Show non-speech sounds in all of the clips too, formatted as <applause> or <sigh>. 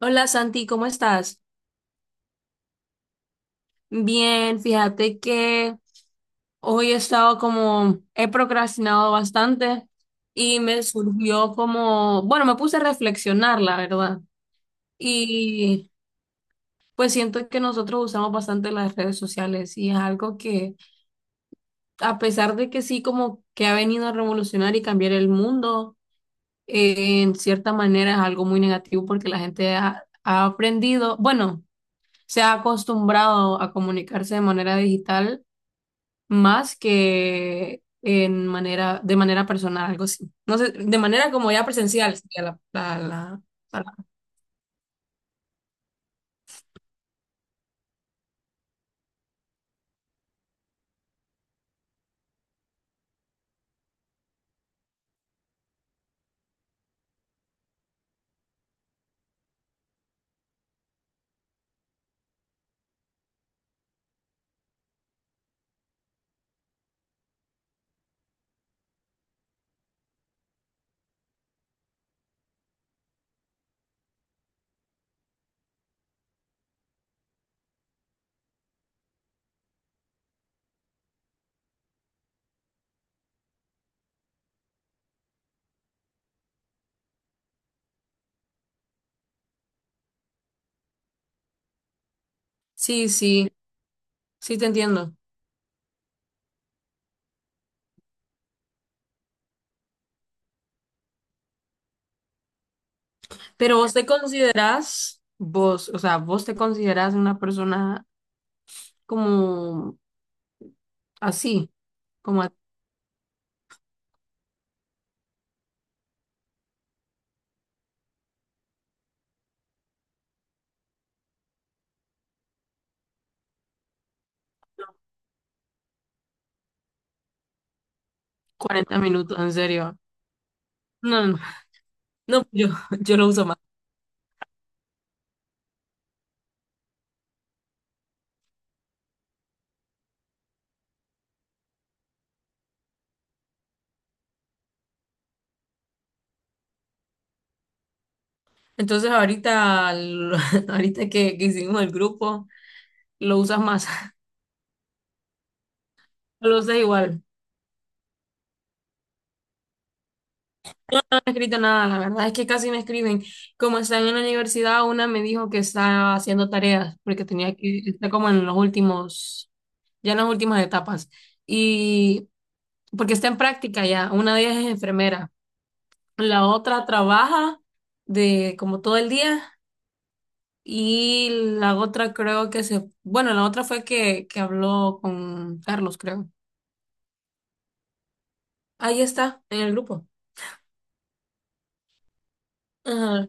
Hola Santi, ¿cómo estás? Bien, fíjate que hoy he estado como, he procrastinado bastante y me surgió como, bueno, me puse a reflexionar, la verdad. Y pues siento que nosotros usamos bastante las redes sociales y es algo que, a pesar de que sí, como que ha venido a revolucionar y cambiar el mundo, en cierta manera es algo muy negativo porque la gente ha aprendido, bueno, se ha acostumbrado a comunicarse de manera digital más que en manera, de manera personal, algo así. No sé, de manera como ya presencial sería la palabra. Sí, sí, sí te entiendo. Pero vos te considerás, vos, o sea, vos te considerás una persona como así, como a 40 minutos, en serio. No, no, no, yo, <laughs> yo lo uso más. Entonces ahorita, <laughs> ahorita que hicimos el grupo, lo usas más, <laughs> lo usas igual. He escrito nada, la verdad es que casi me escriben. Como están en la universidad, una me dijo que está haciendo tareas porque tenía que, está como en los últimos, ya en las últimas etapas. Y porque está en práctica ya, una de ellas es enfermera, la otra trabaja de como todo el día y la otra creo que se, bueno, la otra fue que habló con Carlos, creo. Ahí está, en el grupo. Ajá.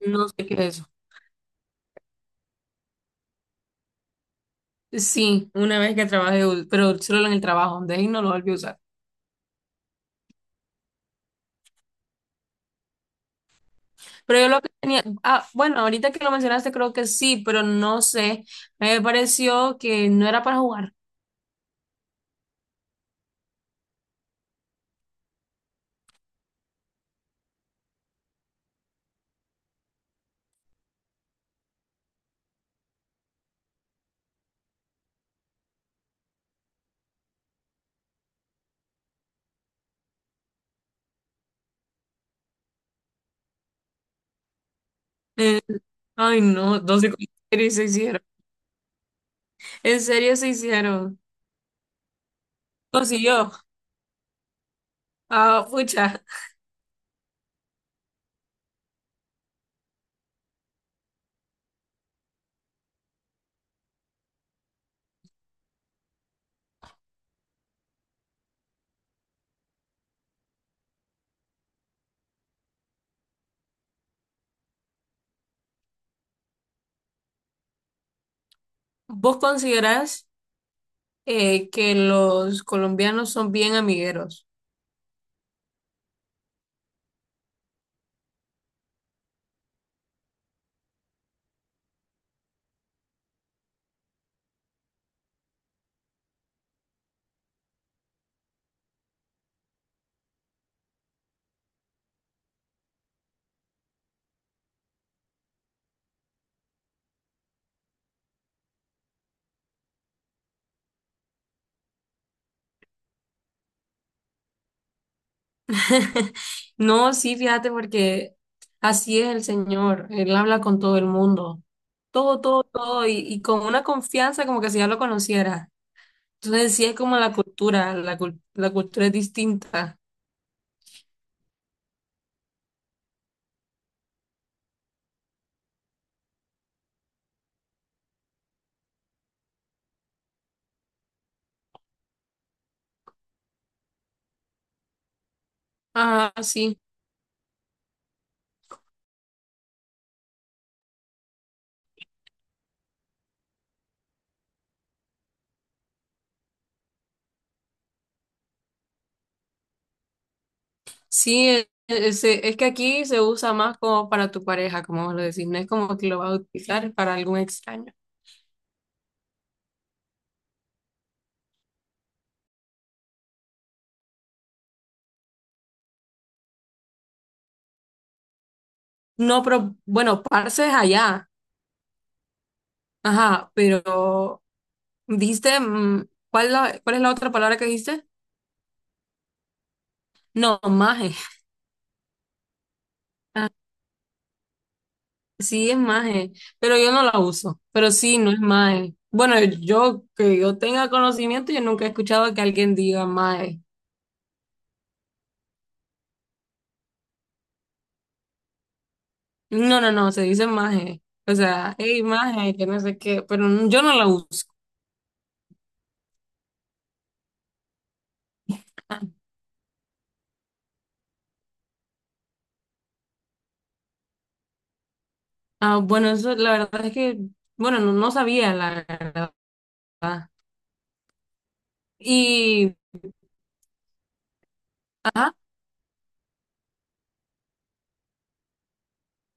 No sé qué es. Sí, una vez que trabajé, pero solo en el trabajo, de ahí no lo volví a usar. Pero yo lo que tenía, ah, bueno, ahorita que lo mencionaste creo que sí, pero no sé, me pareció que no era para jugar. Eh, ay, no, 12 en se hicieron. En serio se hicieron. Consiguió. Ah, pucha, ¿vos considerás que los colombianos son bien amigueros? <laughs> No, sí, fíjate, porque así es el Señor. Él habla con todo el mundo. Todo, todo, todo. Y con una confianza como que si ya lo conociera. Entonces, sí es como la cultura. La cultura es distinta. Ah, sí. Sí, es, que aquí se usa más como para tu pareja, como vos lo decís. No es como que lo vas a utilizar para algún extraño. No, pero bueno, parce es allá. Ajá, pero dijiste, ¿cuál, cuál es la otra palabra que dijiste? No, Maje. Ah, sí es Maje, pero yo no la uso. Pero sí, no es Maje. Bueno, yo que yo tenga conocimiento, yo nunca he escuchado que alguien diga Maje. No, no, no, se dice Maje. O sea, hey, Maje, que no sé qué, pero yo no la uso. Ah, bueno, eso la verdad es que, bueno, no, no sabía la verdad. Y, ajá,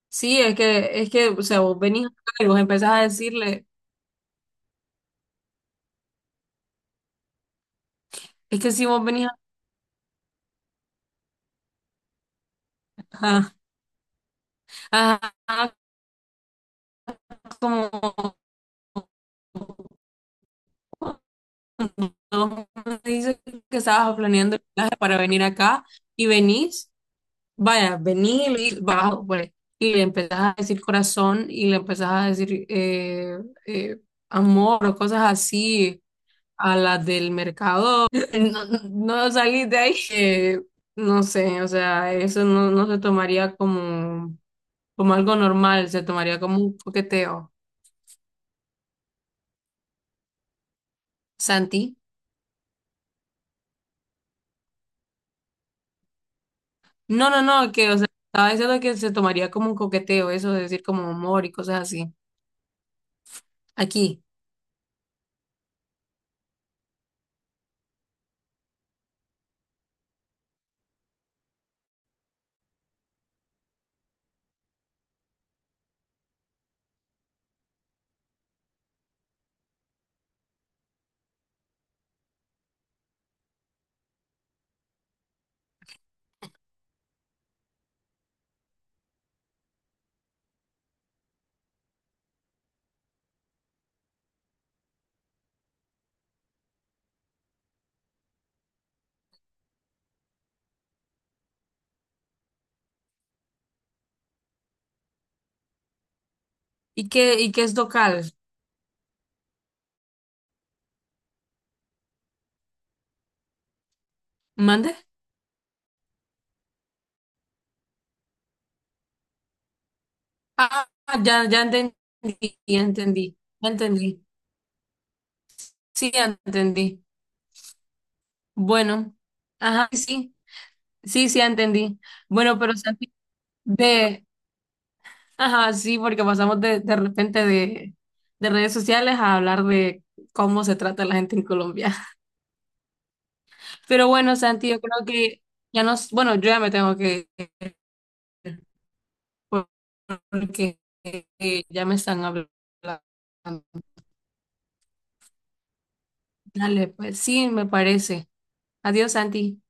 sí, es que, o sea, vos venís acá y vos empezás a decirle, es que si vos venís acá, ajá, ajá, como no me dices que estabas planeando el viaje para venir acá y venís, vaya, venís y le dices, bajo, pues, y le empezás a decir corazón y le empezás a decir eh, amor o cosas así a las del mercado. <laughs> No, no salís de ahí. No sé, o sea, eso no, no se tomaría como, como algo normal, se tomaría como un coqueteo. Santi. No, no, no, que, o sea, estaba diciendo que se tomaría como un coqueteo, eso de decir como amor y cosas así. Aquí. Y qué es local? ¿Mande? Ah, ah, ya, ya entendí, ya entendí, ya entendí. Sí, ya entendí. Bueno, ajá, sí, sí, sí, sí, ya entendí. Bueno, pero Santi, de, ajá, sí, porque pasamos de repente de redes sociales a hablar de cómo se trata la gente en Colombia. <laughs> Pero bueno, Santi, yo creo que ya nos, bueno, yo ya me tengo que ir. Porque ya me están hablando. Dale, pues sí, me parece. Adiós, Santi.